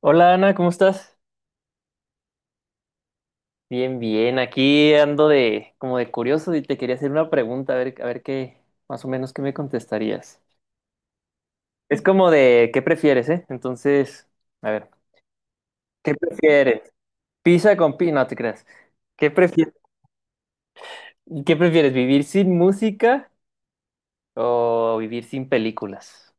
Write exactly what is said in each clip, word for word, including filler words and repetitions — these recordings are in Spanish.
Hola Ana, ¿cómo estás? Bien, bien, aquí ando de como de curioso y te quería hacer una pregunta, a ver, a ver qué, más o menos qué me contestarías. Es como de qué prefieres, ¿eh? Entonces, a ver, ¿qué prefieres? Pizza con pi, no te creas. ¿Qué prefieres? ¿Qué prefieres? ¿Vivir sin música o vivir sin películas?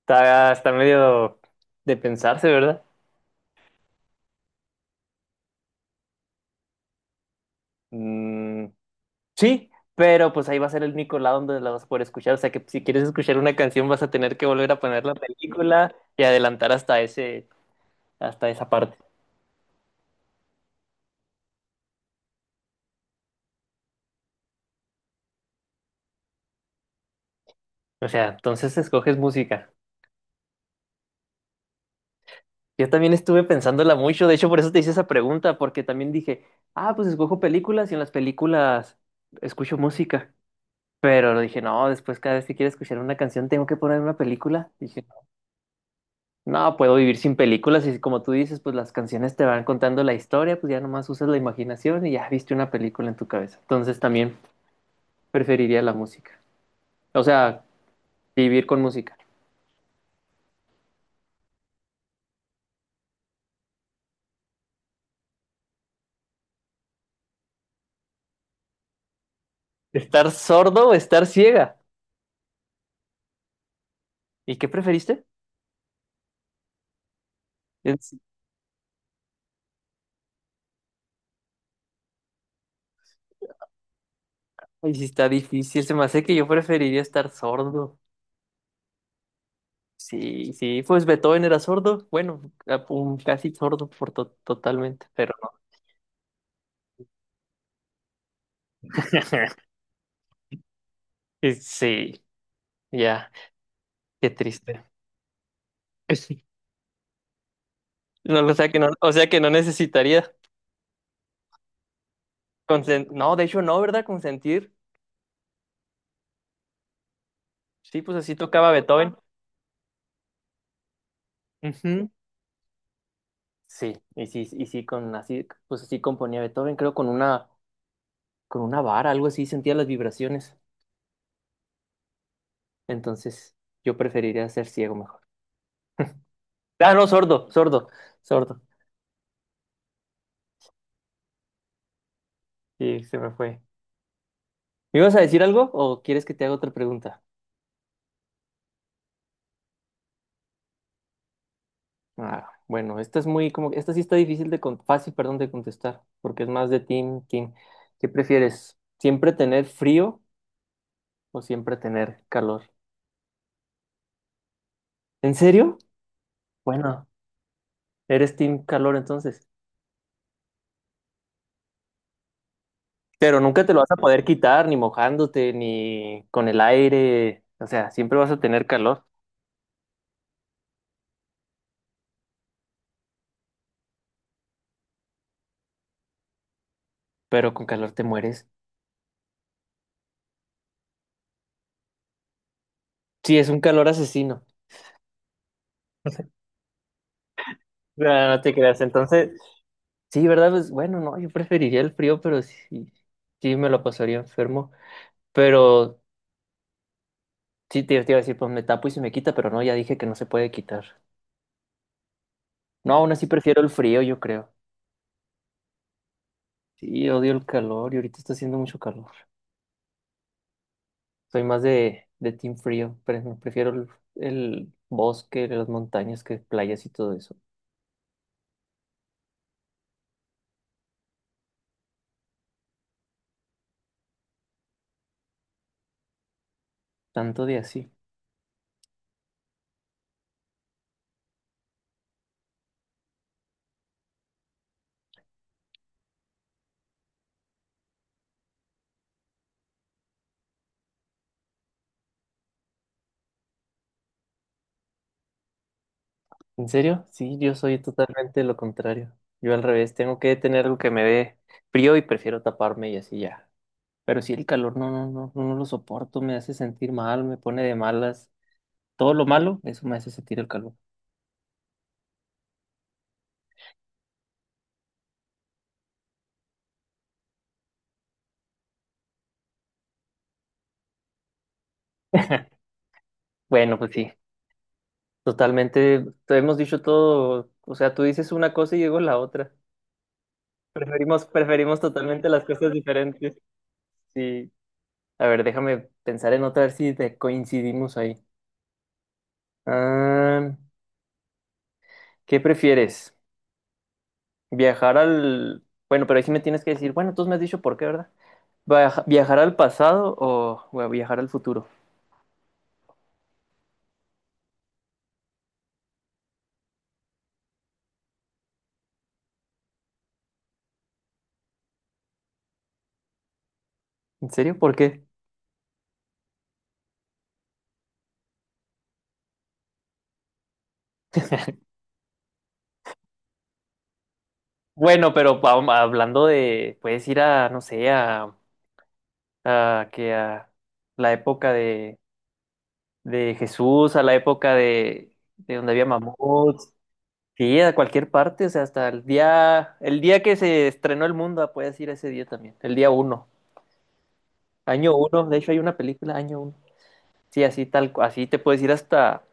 Está, está medio de pensarse, ¿verdad? Mm, sí, pero pues ahí va a ser el único lado donde la vas a poder escuchar. O sea que si quieres escuchar una canción vas a tener que volver a poner la película y adelantar hasta ese, hasta esa parte. O sea, entonces escoges música. Yo también estuve pensándola mucho, de hecho por eso te hice esa pregunta, porque también dije, ah, pues escojo películas y en las películas escucho música. Pero dije, no, después cada vez que quiero escuchar una canción tengo que poner una película. Dije, no, puedo vivir sin películas y como tú dices, pues las canciones te van contando la historia, pues ya nomás usas la imaginación y ya viste una película en tu cabeza. Entonces también preferiría la música. O sea, vivir con música. ¿Estar sordo o estar ciega? ¿Y qué preferiste? Es- Ay, sí está difícil, se me hace que yo preferiría estar sordo. Sí, sí, pues Beethoven era sordo, bueno, a- un- casi sordo por to- totalmente, pero no. Sí, ya, qué triste. No, o sea que no, o sea que no necesitaría consen- No, de hecho no, ¿verdad? Consentir. Sí, pues así tocaba Beethoven. Ujú. Sí, y sí, y sí, con así, pues así componía Beethoven, creo con una, con una vara, algo así, sentía las vibraciones. Entonces, yo preferiría ser ciego mejor. Ah, no, sordo, sordo, sordo. Sí, se me fue. ¿Me ibas a decir algo o quieres que te haga otra pregunta? Ah, bueno, esta es muy como, esta sí está difícil de, con- fácil, perdón, de contestar, porque es más de team, team. ¿Qué prefieres? ¿Siempre tener frío o siempre tener calor? ¿En serio? Bueno, eres team calor entonces. Pero nunca te lo vas a poder quitar, ni mojándote, ni con el aire. O sea, siempre vas a tener calor, pero con calor te mueres. Sí, es un calor asesino. No, no te creas. Entonces, sí, ¿verdad? Pues bueno, no, yo preferiría el frío, pero sí, sí me lo pasaría enfermo. Pero sí, te, te iba a decir, pues me tapo y se me quita, pero no, ya dije que no se puede quitar. No, aún así prefiero el frío, yo creo. Sí, odio el calor y ahorita está haciendo mucho calor. Soy más de, de team frío, pero prefiero el, el bosque, las montañas que playas y todo eso. Tanto de así. ¿En serio? Sí, yo soy totalmente lo contrario. Yo al revés, tengo que tener algo que me dé frío y prefiero taparme y así ya. Pero sí el calor, no, no, no, no no lo soporto, me hace sentir mal, me pone de malas. Todo lo malo, eso me hace sentir el calor. Bueno, pues sí, totalmente, te hemos dicho todo, o sea, tú dices una cosa y digo la otra. Preferimos, preferimos totalmente las cosas diferentes. Sí. A ver, déjame pensar en otra, a ver si te coincidimos ahí. Ah, ¿qué prefieres? ¿Viajar al... Bueno, pero ahí sí me tienes que decir, bueno, tú me has dicho por qué, ¿verdad? Viaja- ¿Viajar al pasado o bueno, viajar al futuro? ¿En serio? ¿Por qué? Bueno, pero pa- um, hablando de, puedes ir a, no sé, a, a que a la época de, de Jesús, a la época de, de donde había mamuts. Sí, a cualquier parte, o sea, hasta el día, el día que se estrenó el mundo, ah, puedes ir ese día también, el día uno, año uno, de hecho hay una película, año uno. Sí, así tal, cu- así te puedes ir hasta,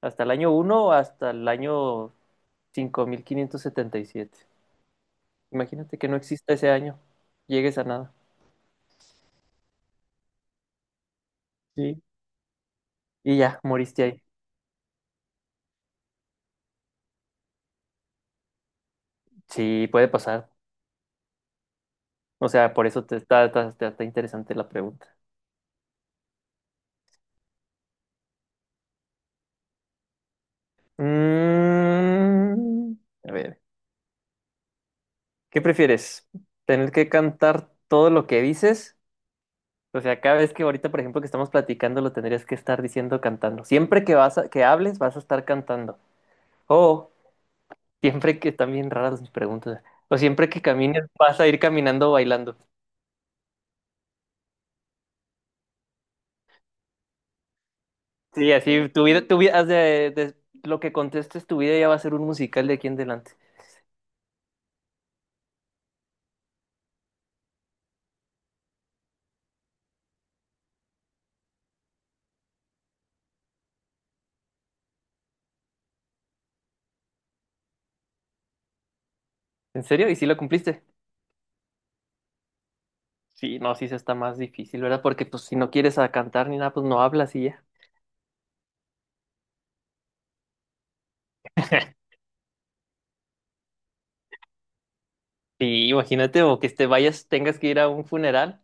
hasta el año uno o hasta el año cinco mil quinientos setenta y siete. Imagínate que no exista ese año, llegues a nada. Sí. Y ya, moriste ahí. Sí, puede pasar. O sea, por eso te está, está, está- está interesante la pregunta. Mm, a ver. ¿Qué prefieres? ¿Tener que cantar todo lo que dices? O sea, cada vez que ahorita, por ejemplo, que estamos platicando, lo tendrías que estar diciendo cantando. Siempre que vas a- que hables, vas a estar cantando. O siempre que están bien raras mis preguntas. O siempre que camines, vas a ir caminando bailando. Sí, así tu vida, tu vida, haz de, de- lo que contestes, tu vida ya va a ser un musical de aquí en adelante. ¿En serio? ¿Y si lo cumpliste? Sí, no, sí se está más difícil, ¿verdad? Porque pues si no quieres a cantar ni nada, pues no hablas y ya. Sí, imagínate, o que te vayas, tengas que ir a un funeral.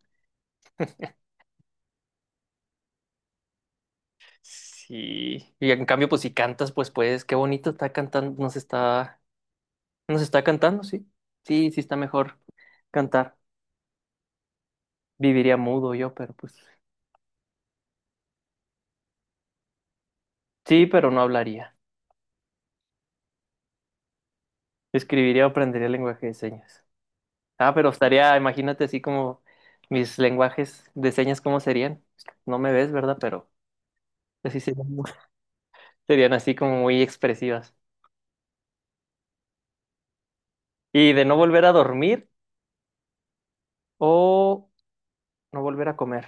Sí. Y en cambio, pues si cantas, pues pues, qué bonito está cantando, nos está, nos está cantando, sí. Sí, sí está mejor cantar. Viviría mudo yo, pero pues. Sí, pero no hablaría. Escribiría o aprendería lenguaje de señas. Ah, pero estaría, imagínate así como mis lenguajes de señas, ¿cómo serían? No me ves, ¿verdad? Pero así serían, muy- serían así como muy expresivas. Y de no volver a dormir o no volver a comer.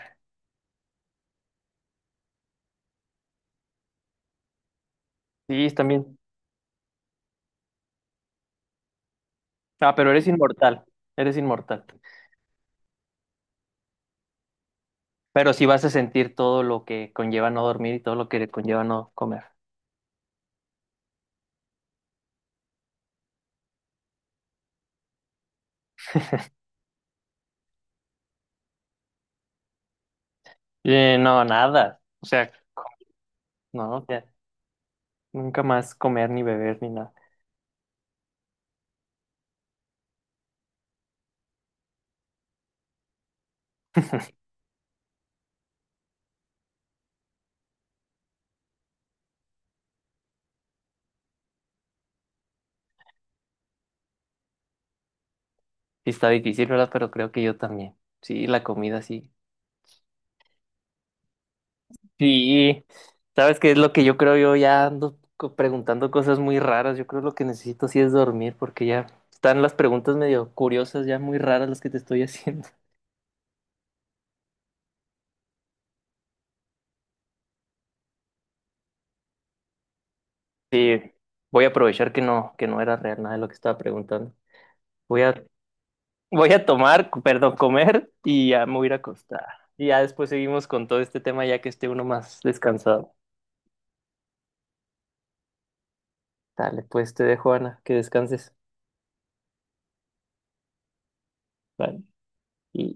Sí, también. Ah, pero eres inmortal. Eres inmortal. Pero sí vas a sentir todo lo que conlleva no dormir y todo lo que conlleva no comer. Eh, no, nada. O sea, no, o sea, nunca más comer ni beber ni nada. Sí está difícil, ¿verdad? Pero creo que yo también. Sí, la comida sí. Sí. ¿Sabes qué es lo que yo creo? Yo ya ando co- preguntando cosas muy raras. Yo creo lo que necesito sí es dormir porque ya están las preguntas medio curiosas, ya muy raras las que te estoy haciendo. Sí, voy a aprovechar que no, que no era real nada de lo que estaba preguntando. Voy a, voy a tomar, perdón, comer y ya me voy a ir a acostar. Y ya después seguimos con todo este tema ya que esté uno más descansado. Dale, pues te dejo, Ana, que descanses. Vale. Y